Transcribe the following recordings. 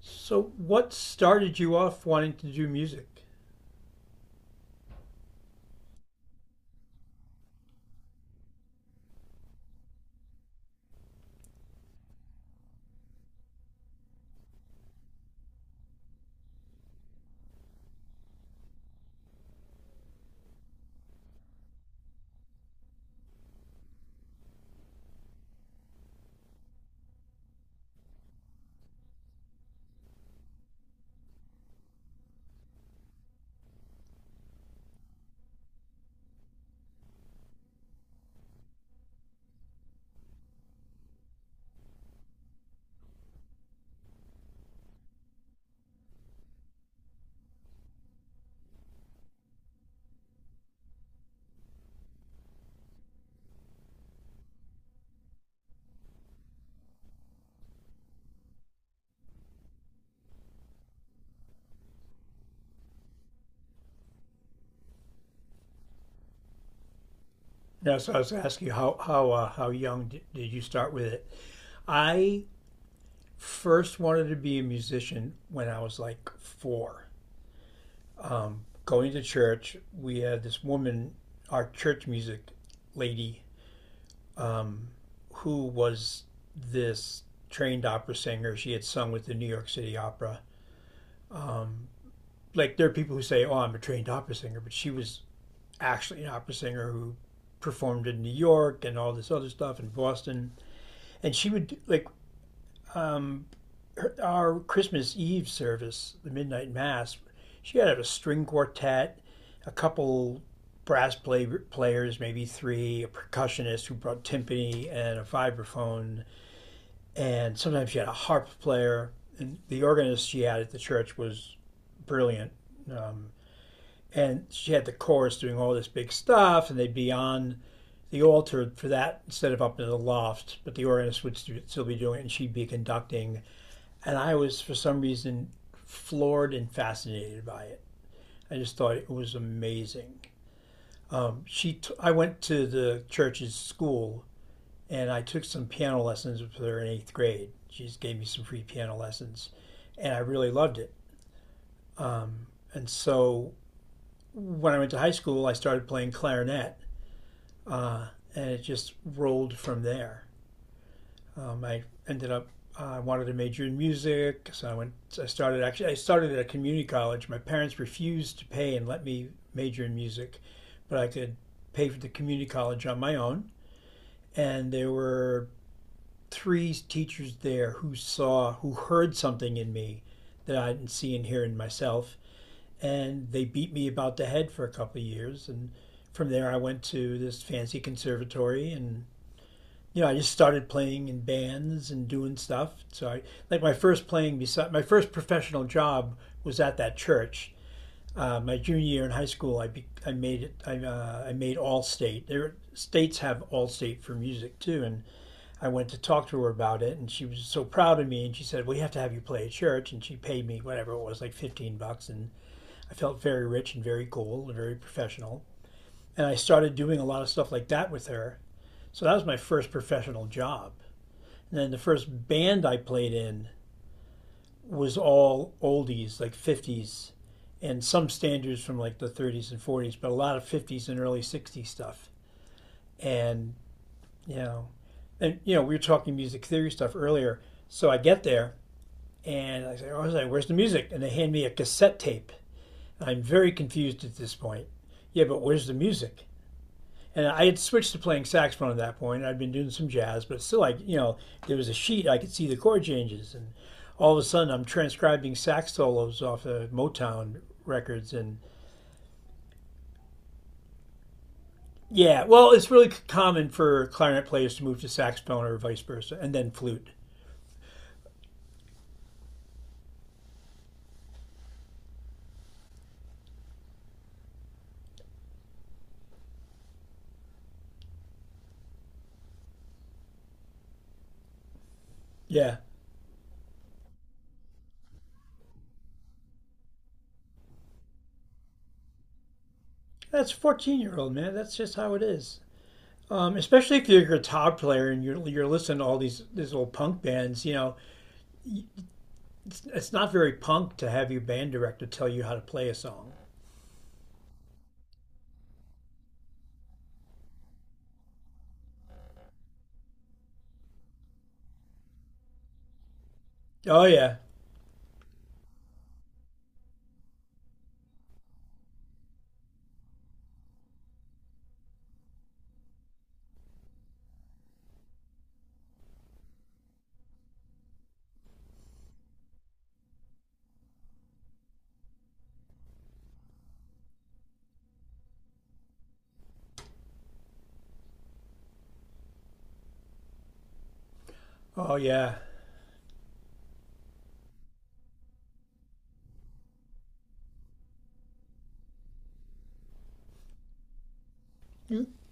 So, what started you off wanting to do music? Yeah, so I was asking you how young did you start with it? I first wanted to be a musician when I was like four. Going to church, we had this woman, our church music lady, um, who was this trained opera singer. She had sung with the New York City Opera. Um, like there are people who say, "Oh, I'm a trained opera singer," but she was actually an opera singer who performed in New York and all this other stuff in Boston. And she would um, her, our Christmas Eve service, the midnight mass. She had a string quartet, a couple brass players, maybe three, a percussionist who brought timpani and a vibraphone, and sometimes she had a harp player. And the organist she had at the church was brilliant. Um, and she had the chorus doing all this big stuff, and they'd be on the altar for that instead of up in the loft, but the organist would still be doing it and she'd be conducting. And I was, for some reason, floored and fascinated by it. I just thought it was amazing. I went to the church's school and I took some piano lessons with her in eighth grade. She just gave me some free piano lessons, and I really loved it. Um, and so when I went to high school, I started playing clarinet, uh, and it just rolled from there. I ended up I wanted to major in music, so I went. So I started actually. I started at a community college. My parents refused to pay and let me major in music, but I could pay for the community college on my own. And there were three teachers there who who heard something in me that I didn't see and hear in myself, and they beat me about the head for a couple of years. And from there, I went to this fancy conservatory and you know, I just started playing in bands and doing stuff. So I like my first playing beside my first professional job was at that church. My junior year in high school, I be, I made it. I made Allstate. There states have Allstate for music too, and I went to talk to her about it, and she was so proud of me, and she said, "We have to have you play at church," and she paid me whatever it was, like $15, and I felt very rich and very cool and very professional. And I started doing a lot of stuff like that with her. So that was my first professional job. And then the first band I played in was all oldies, like 50s, and some standards from like the 30s and 40s, but a lot of 50s and early 60s stuff. And, you know, and you know, we were talking music theory stuff earlier. So I get there and I say, oh, I was like, where's the music? And they hand me a cassette tape. I'm very confused at this point. Yeah, but where's the music? And I had switched to playing saxophone at that point. I'd been doing some jazz, but still, like, you know, there was a sheet, I could see the chord changes. And all of a sudden, I'm transcribing sax solos off of Motown records. And yeah, well, it's really common for clarinet players to move to saxophone or vice versa, and then flute. Yeah. That's 14-year-old, man. That's just how it is. Especially if you're a guitar player and you're listening to all these old punk bands, you know, it's not very punk to have your band director tell you how to play a song. Oh yeah. Oh yeah,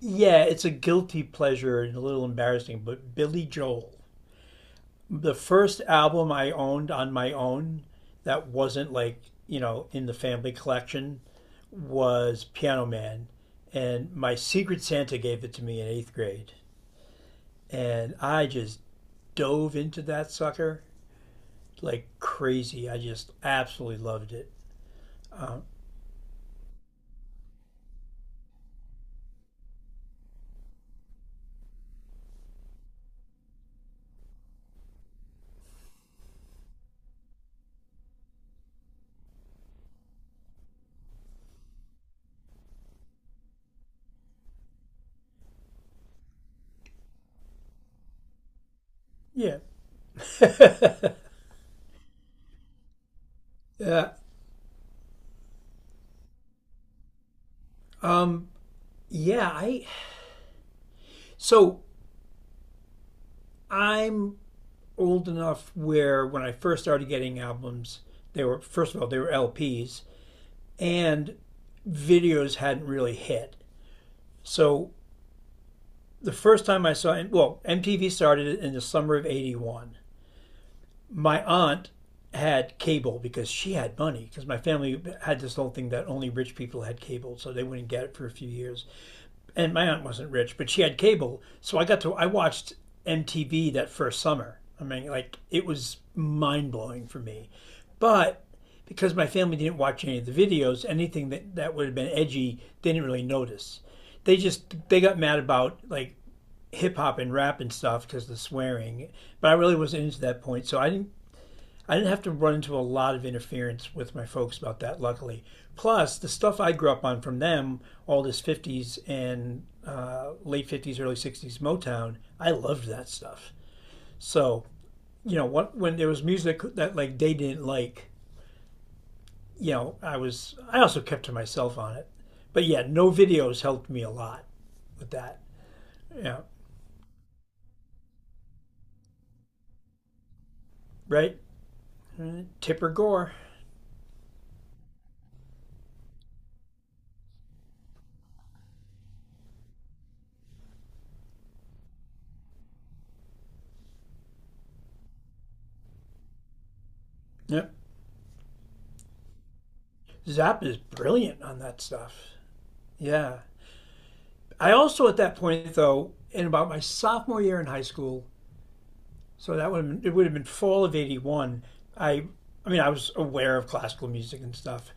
yeah. It's a guilty pleasure and a little embarrassing, but Billy Joel, the first album I owned on my own that wasn't like you know in the family collection was Piano Man, and my Secret Santa gave it to me in eighth grade, and I just dove into that sucker like crazy. I just absolutely loved it. Yeah. Uh, um. Yeah. I. So I'm old enough where when I first started getting albums, they were first of all they were LPs and videos hadn't really hit. So the first time I saw well MTV started in the summer of 81. My aunt had cable because she had money because my family had this whole thing that only rich people had cable so they wouldn't get it for a few years and my aunt wasn't rich, but she had cable, so I got to I watched MTV that first summer. I mean, like it was mind blowing for me, but because my family didn't watch any of the videos, anything that would have been edgy, they didn't really notice. They just they got mad about like hip hop and rap and stuff because of the swearing, but I really wasn't into that point, so I didn't have to run into a lot of interference with my folks about that, luckily. Plus, the stuff I grew up on from them, all this 50s and late 50s, early 60s Motown, I loved that stuff. So, you know, what, when there was music that like they didn't like, you know, I also kept to myself on it. But yeah, no videos helped me a lot with that. Yeah, right? Mm-hmm. Tipper Gore. Yep. Zap is brilliant on that stuff. Yeah. I also, at that point, though, in about my sophomore year in high school, so that would have been, it would have been fall of '81. I, I mean, I was aware of classical music and stuff,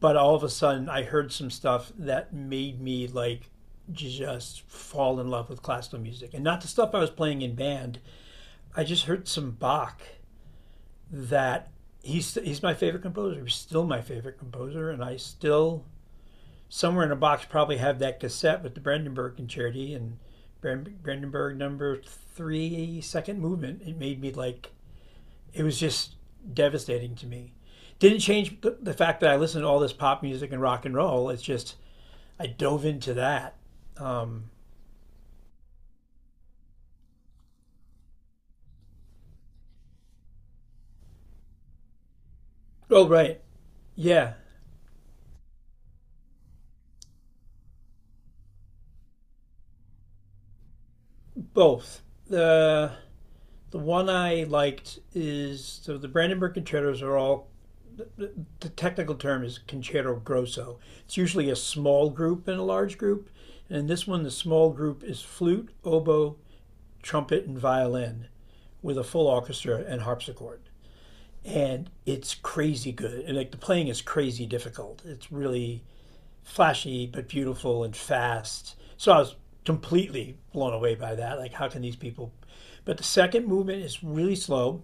but all of a sudden, I heard some stuff that made me like just fall in love with classical music, and not the stuff I was playing in band. I just heard some Bach that he's my favorite composer. He's still my favorite composer, and I still somewhere in a box probably have that cassette with the Brandenburg Concerti and Brandenburg number three, second movement. It made me like, it was just devastating to me. Didn't change the fact that I listened to all this pop music and rock and roll. It's just, I dove into that. Um, oh, right. Yeah, both. The one I liked is so the Brandenburg Concertos are all the technical term is concerto grosso. It's usually a small group and a large group. And in this one, the small group is flute, oboe, trumpet, and violin with a full orchestra and harpsichord. And it's crazy good. And like the playing is crazy difficult. It's really flashy but beautiful and fast. So I was completely blown away by that. Like, how can these people? But the second movement is really slow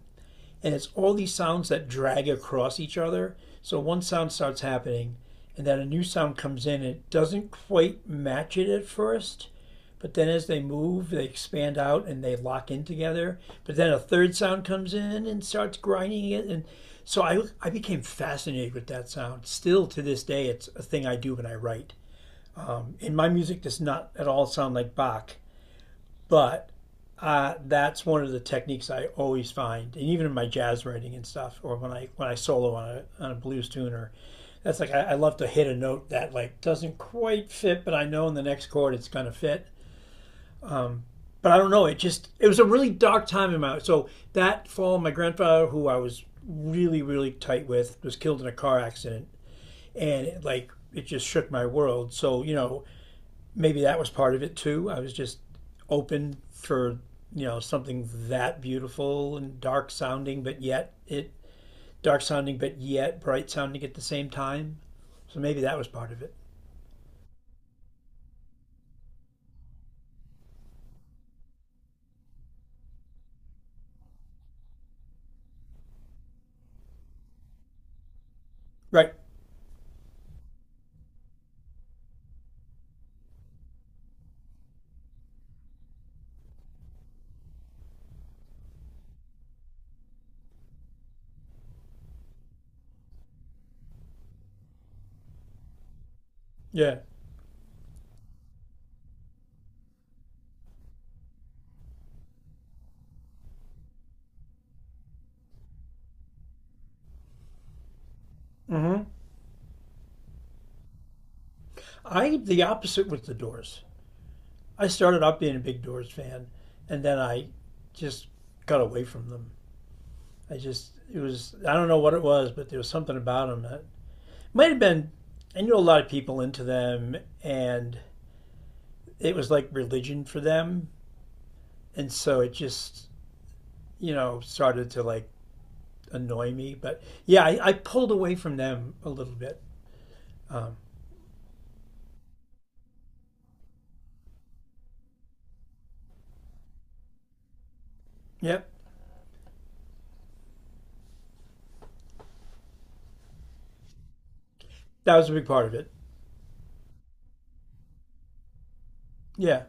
and it's all these sounds that drag across each other. So one sound starts happening, and then a new sound comes in. And it doesn't quite match it at first, but then as they move, they expand out and they lock in together. But then a third sound comes in and starts grinding it, and so I became fascinated with that sound. Still to this day, it's a thing I do when I write. And my music does not at all sound like Bach, but that's one of the techniques I always find, and even in my jazz writing and stuff, or when I solo on a blues tune, or that's like I love to hit a note that like doesn't quite fit, but I know in the next chord it's gonna fit. But I don't know. It just it was a really dark time in my life. So that fall, my grandfather, who I was really tight with, was killed in a car accident, and it just shook my world. So you know, maybe that was part of it too. I was just open for you know something that beautiful and dark sounding, but yet bright sounding at the same time. So maybe that was part of it. Right? Yeah. mm hmm I the opposite with the Doors. I started out being a big Doors fan, and then I just got away from them. I just it was I don't know what it was, but there was something about them that might have been. I knew a lot of people into them, and it was like religion for them. And so it just, you know, started to like annoy me. But yeah, I pulled away from them a little bit. Um, yep. That was a big part of it. Yeah.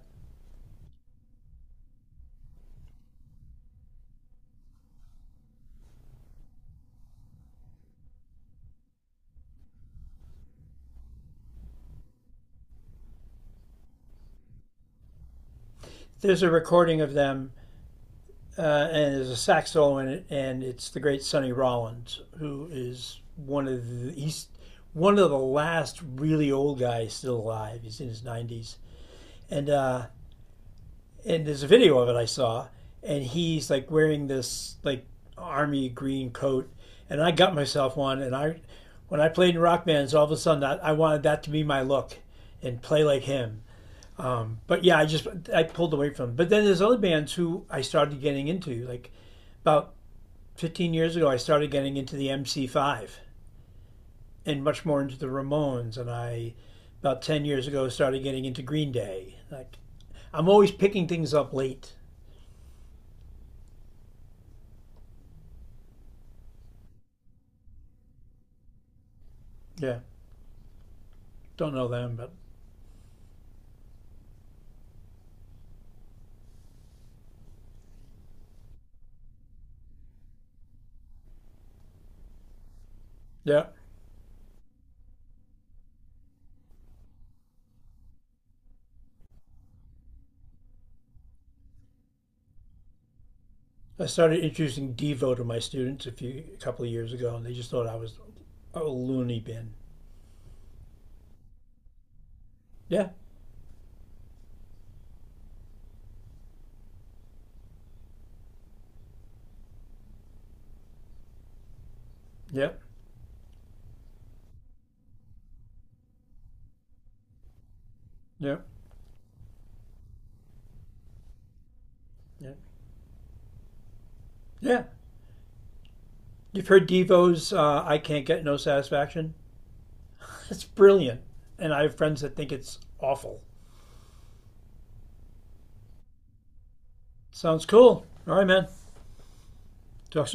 There's a recording of them, and there's a sax solo in it, and it's the great Sonny Rollins, who is one of the, he's one of the last really old guys still alive. He's in his 90s. And uh, and there's a video of it I saw, and he's like wearing this like army green coat, and I got myself one, and I, when I played in rock bands, all of a sudden that I wanted that to be my look, and play like him. But yeah, I just I pulled away from him. But then there's other bands who I started getting into, like about 15 years ago, I started getting into the MC5 and much more into the Ramones, and I about 10 years ago started getting into Green Day. Like I'm always picking things up late. Yeah. Don't know them, but yeah. I started introducing Devo to my students a couple of years ago, and they just thought I was a loony bin. Yeah, yeah, yeah, yeah, yeah. You've heard Devo's "I Can't Get No Satisfaction." It's brilliant, and I have friends that think it's awful. Sounds cool. All right, man. Talk